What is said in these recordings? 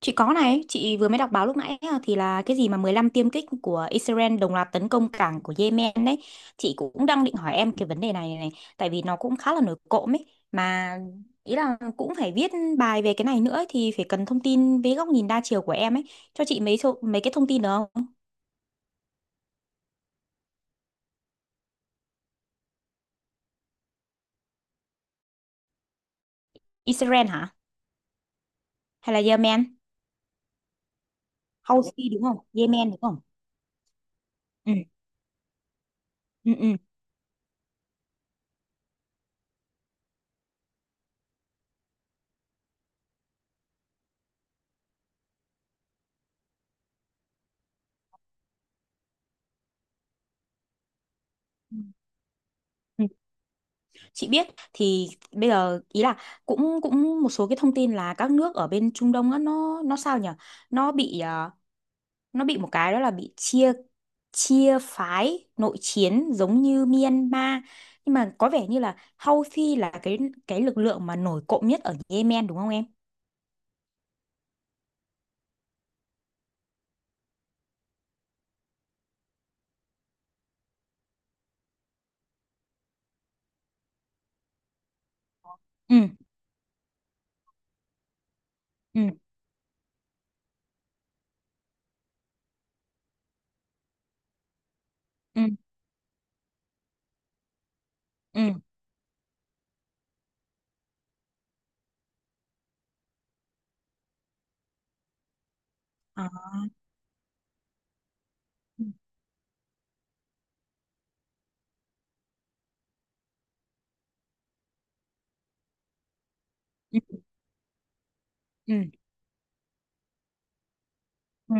Chị có này, chị vừa mới đọc báo lúc nãy á, thì là cái gì mà 15 tiêm kích của Israel đồng loạt tấn công cảng của Yemen đấy. Chị cũng đang định hỏi em cái vấn đề này này, tại vì nó cũng khá là nổi cộm ấy mà ý là cũng phải viết bài về cái này nữa ấy, thì phải cần thông tin với góc nhìn đa chiều của em ấy. Cho chị mấy số, mấy cái thông tin được không? Israel hả? Hay là Yemen? Houthi đúng không? Yemen đúng không? Ừ. Ừ ừ. Chị biết. Thì bây giờ ý là cũng cũng một số cái thông tin là các nước ở bên Trung Đông á nó sao nhỉ, nó bị à, nó bị một cái đó là bị chia, chia phái nội chiến giống như Myanmar, nhưng mà có vẻ như là Houthi là cái lực lượng mà nổi cộm nhất ở Yemen đúng không em? Ừ ừ ừ ừ. Ờ, ừ ừ ừ ừ.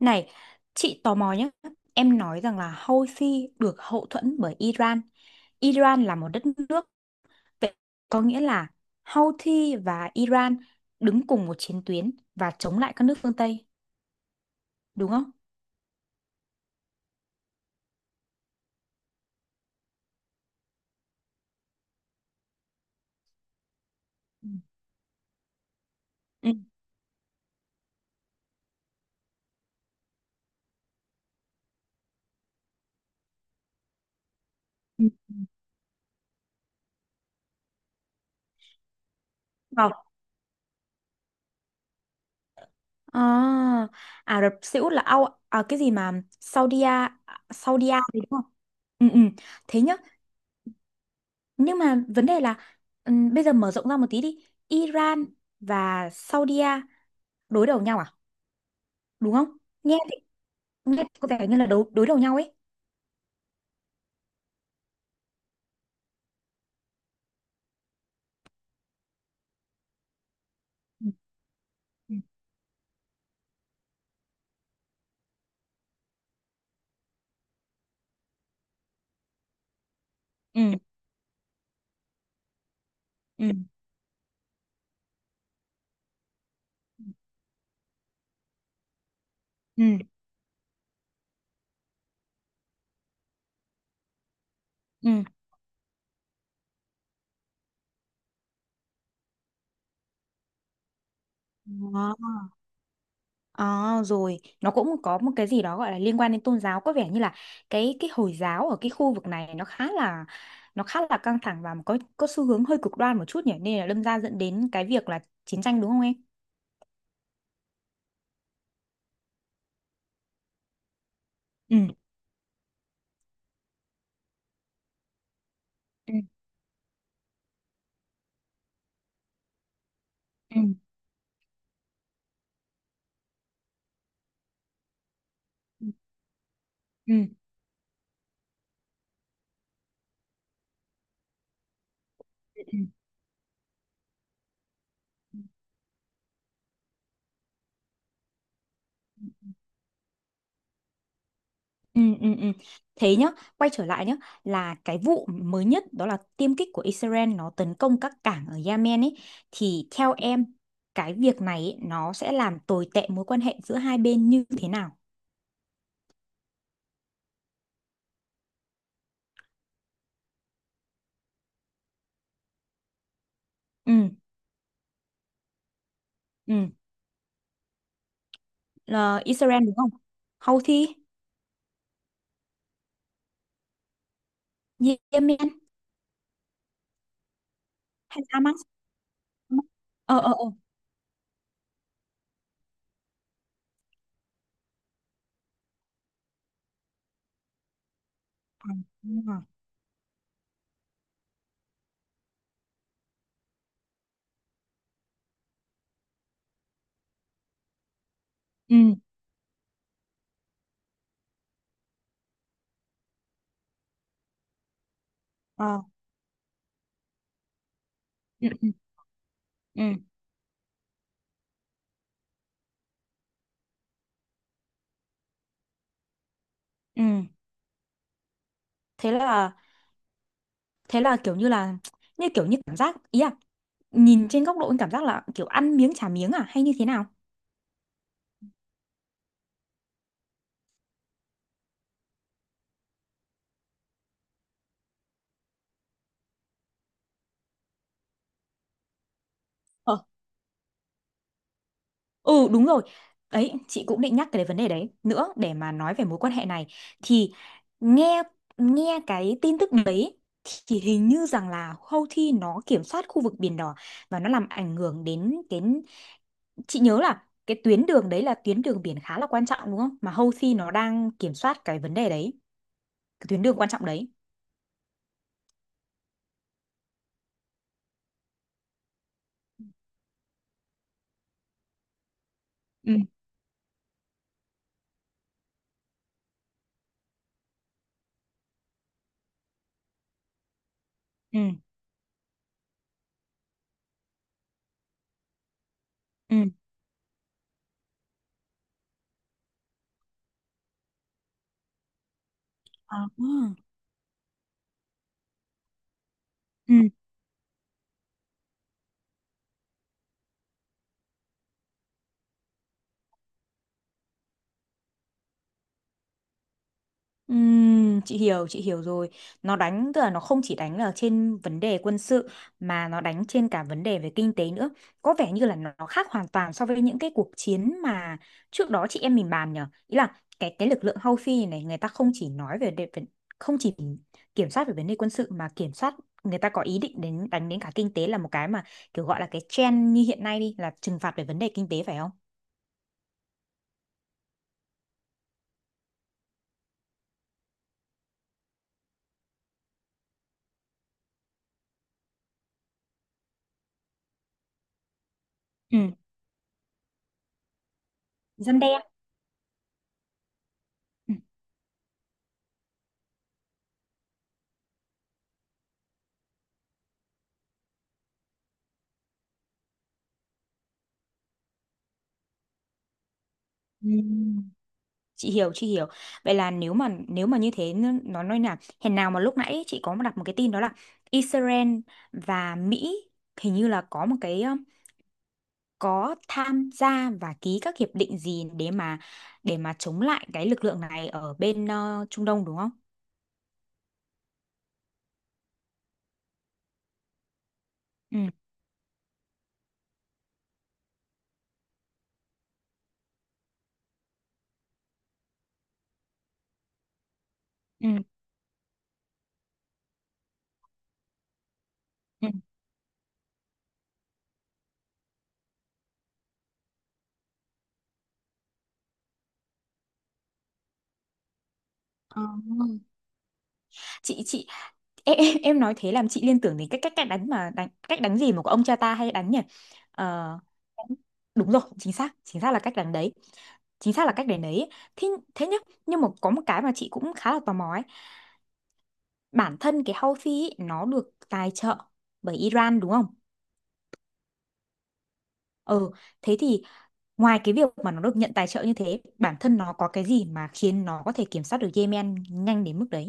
Này, chị tò mò nhé, em nói rằng là Houthi được hậu thuẫn bởi Iran. Iran là một đất nước. Vậy có nghĩa là Houthi và Iran đứng cùng một chiến tuyến và chống lại các nước phương Tây, đúng không? Ừ. Ừ. Ừ. Vâng. À, Ả Rập Xê Út là ao à, cái gì mà Saudi A- Saudi A đấy đúng không? Ừ, ừ. Thế nhá. Nhưng mà vấn đề là bây giờ mở rộng ra một tí đi. Iran và Saudi A đối đầu nhau à? Đúng không? Nghe thì- nghe có vẻ như là đối đối đầu nhau ấy. Ừ. Ừ. Ừ, ừ, ừ, ừ. À, rồi nó cũng có một cái gì đó gọi là liên quan đến tôn giáo, có vẻ như là cái Hồi giáo ở cái khu vực này nó khá là, nó khá là căng thẳng và có xu hướng hơi cực đoan một chút nhỉ, nên là đâm ra dẫn đến cái việc là chiến tranh, đúng không em? Ừ. Ừ. Ừ. Ừ. Ừ. Ừ. Ừ. Ừ. Ừ. Thế nhá, quay trở lại nhá, là cái vụ mới nhất đó là tiêm kích của Israel nó tấn công các cảng ở Yemen ấy, thì theo em cái việc này ấy, nó sẽ làm tồi tệ mối quan hệ giữa hai bên như thế nào? Ừ. Ừ. Là Israel đúng không? Houthi. Yemen hay Hamas. Ờ ờ ờ. À, đúng rồi. Ừ ờ ừ ừ ừ ừ. Thế là, thế là kiểu như là, như kiểu như cảm giác ý à, nhìn trên góc độ anh cảm giác là kiểu ăn miếng trả miếng à hay như thế nào? Ừ đúng rồi. Đấy, chị cũng định nhắc cái vấn đề đấy nữa để mà nói về mối quan hệ này, thì nghe, nghe cái tin tức đấy thì hình như rằng là Houthi nó kiểm soát khu vực Biển Đỏ và nó làm ảnh hưởng đến cái, chị nhớ là cái tuyến đường đấy là tuyến đường biển khá là quan trọng đúng không? Mà Houthi nó đang kiểm soát cái vấn đề đấy, cái tuyến đường quan trọng đấy. Ừ. Ừ. Ừ. À. Ừ. Chị hiểu, chị hiểu rồi. Nó đánh tức là nó không chỉ đánh ở trên vấn đề quân sự mà nó đánh trên cả vấn đề về kinh tế nữa, có vẻ như là nó khác hoàn toàn so với những cái cuộc chiến mà trước đó chị em mình bàn nhở, ý là cái lực lượng Houthi này người ta không chỉ nói về đề, về- không chỉ kiểm soát về vấn đề quân sự mà kiểm soát, người ta có ý định đến đánh đến cả kinh tế, là một cái mà kiểu gọi là cái trend như hiện nay đi, là trừng phạt về vấn đề kinh tế phải không? Ừ. Răn đe. Ừ. Ừ. Chị hiểu, chị hiểu. Vậy là nếu mà như thế nó nói là hèn nào mà lúc nãy chị có đặt một cái tin đó là Israel và Mỹ hình như là có một cái có tham gia và ký các hiệp định gì để mà, để mà chống lại cái lực lượng này ở bên Trung Đông đúng không? Ừ ừ ừ. Ờ. Chị em nói thế làm chị liên tưởng đến cách cách cách đánh mà đánh cách đánh gì mà của ông cha ta hay đánh nhỉ? Ờ, đúng rồi chính xác, chính xác là cách đánh đấy, chính xác là cách để nấy. Thế, thế nhá, nhưng mà có một cái mà chị cũng khá là tò mò ấy, bản thân cái houthi ấy, nó được tài trợ bởi Iran đúng không? Ừ. Thế thì ngoài cái việc mà nó được nhận tài trợ như thế, bản thân nó có cái gì mà khiến nó có thể kiểm soát được Yemen nhanh đến mức đấy?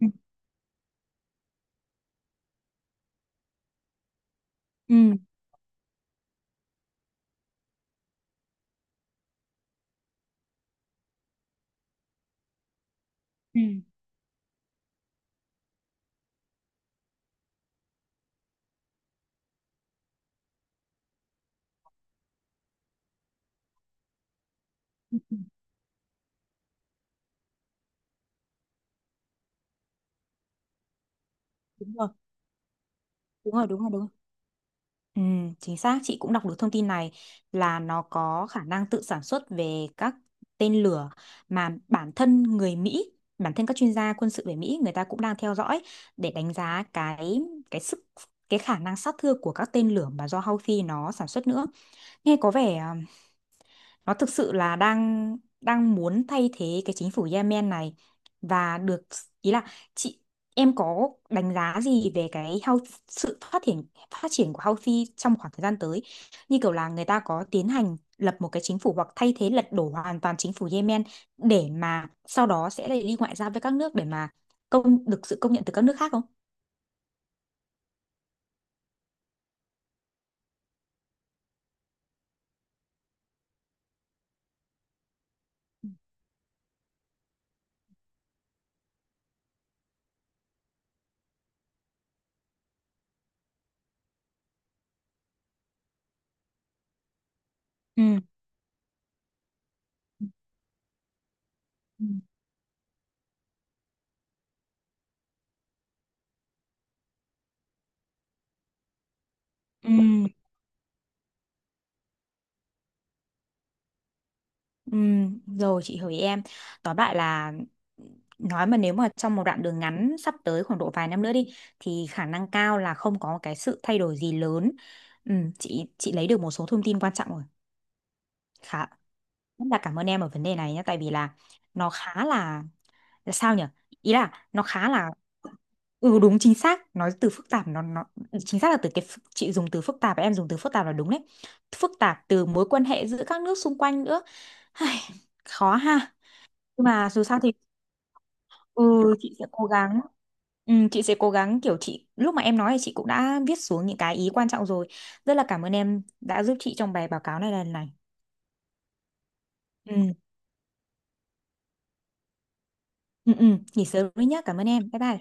Ừ. Ừ, Ừ. Ừ. Đúng rồi, đúng rồi, đúng rồi, đúng rồi. Ừ, chính xác, chị cũng đọc được thông tin này là nó có khả năng tự sản xuất về các tên lửa, mà bản thân người Mỹ, bản thân các chuyên gia quân sự về Mỹ người ta cũng đang theo dõi để đánh giá cái sức, cái khả năng sát thương của các tên lửa mà do Houthi nó sản xuất nữa. Nghe có vẻ nó thực sự là đang đang muốn thay thế cái chính phủ Yemen này và được, ý là chị, em có đánh giá gì về cái health, sự phát triển, phát triển của Houthi trong khoảng thời gian tới, như kiểu là người ta có tiến hành lập một cái chính phủ hoặc thay thế lật đổ hoàn toàn chính phủ Yemen để mà sau đó sẽ lại đi ngoại giao với các nước để mà công được sự công nhận từ các nước khác không? Ừ. Ừ. Ừ. Rồi chị hỏi em. Tóm lại là, nói mà nếu mà trong một đoạn đường ngắn sắp tới khoảng độ vài năm nữa đi thì khả năng cao là không có cái sự thay đổi gì lớn. Chị lấy được một số thông tin quan trọng rồi. Khá, rất là cảm ơn em ở vấn đề này nhé, tại vì là nó khá là sao nhỉ? Ý là nó khá là, ừ đúng chính xác, nói từ phức tạp nó chính xác là từ cái phức- chị dùng từ phức tạp và em dùng từ phức tạp là đúng đấy. Phức tạp từ mối quan hệ giữa các nước xung quanh nữa. Ai, khó ha, nhưng mà dù sao thì ừ, chị sẽ cố gắng, ừ, chị sẽ cố gắng kiểu chị lúc mà em nói thì chị cũng đã viết xuống những cái ý quan trọng rồi, rất là cảm ơn em đã giúp chị trong bài báo cáo này lần này. Ừ, ừ, ừ. Nghỉ sớm đi nhá, cảm ơn em, bye bye.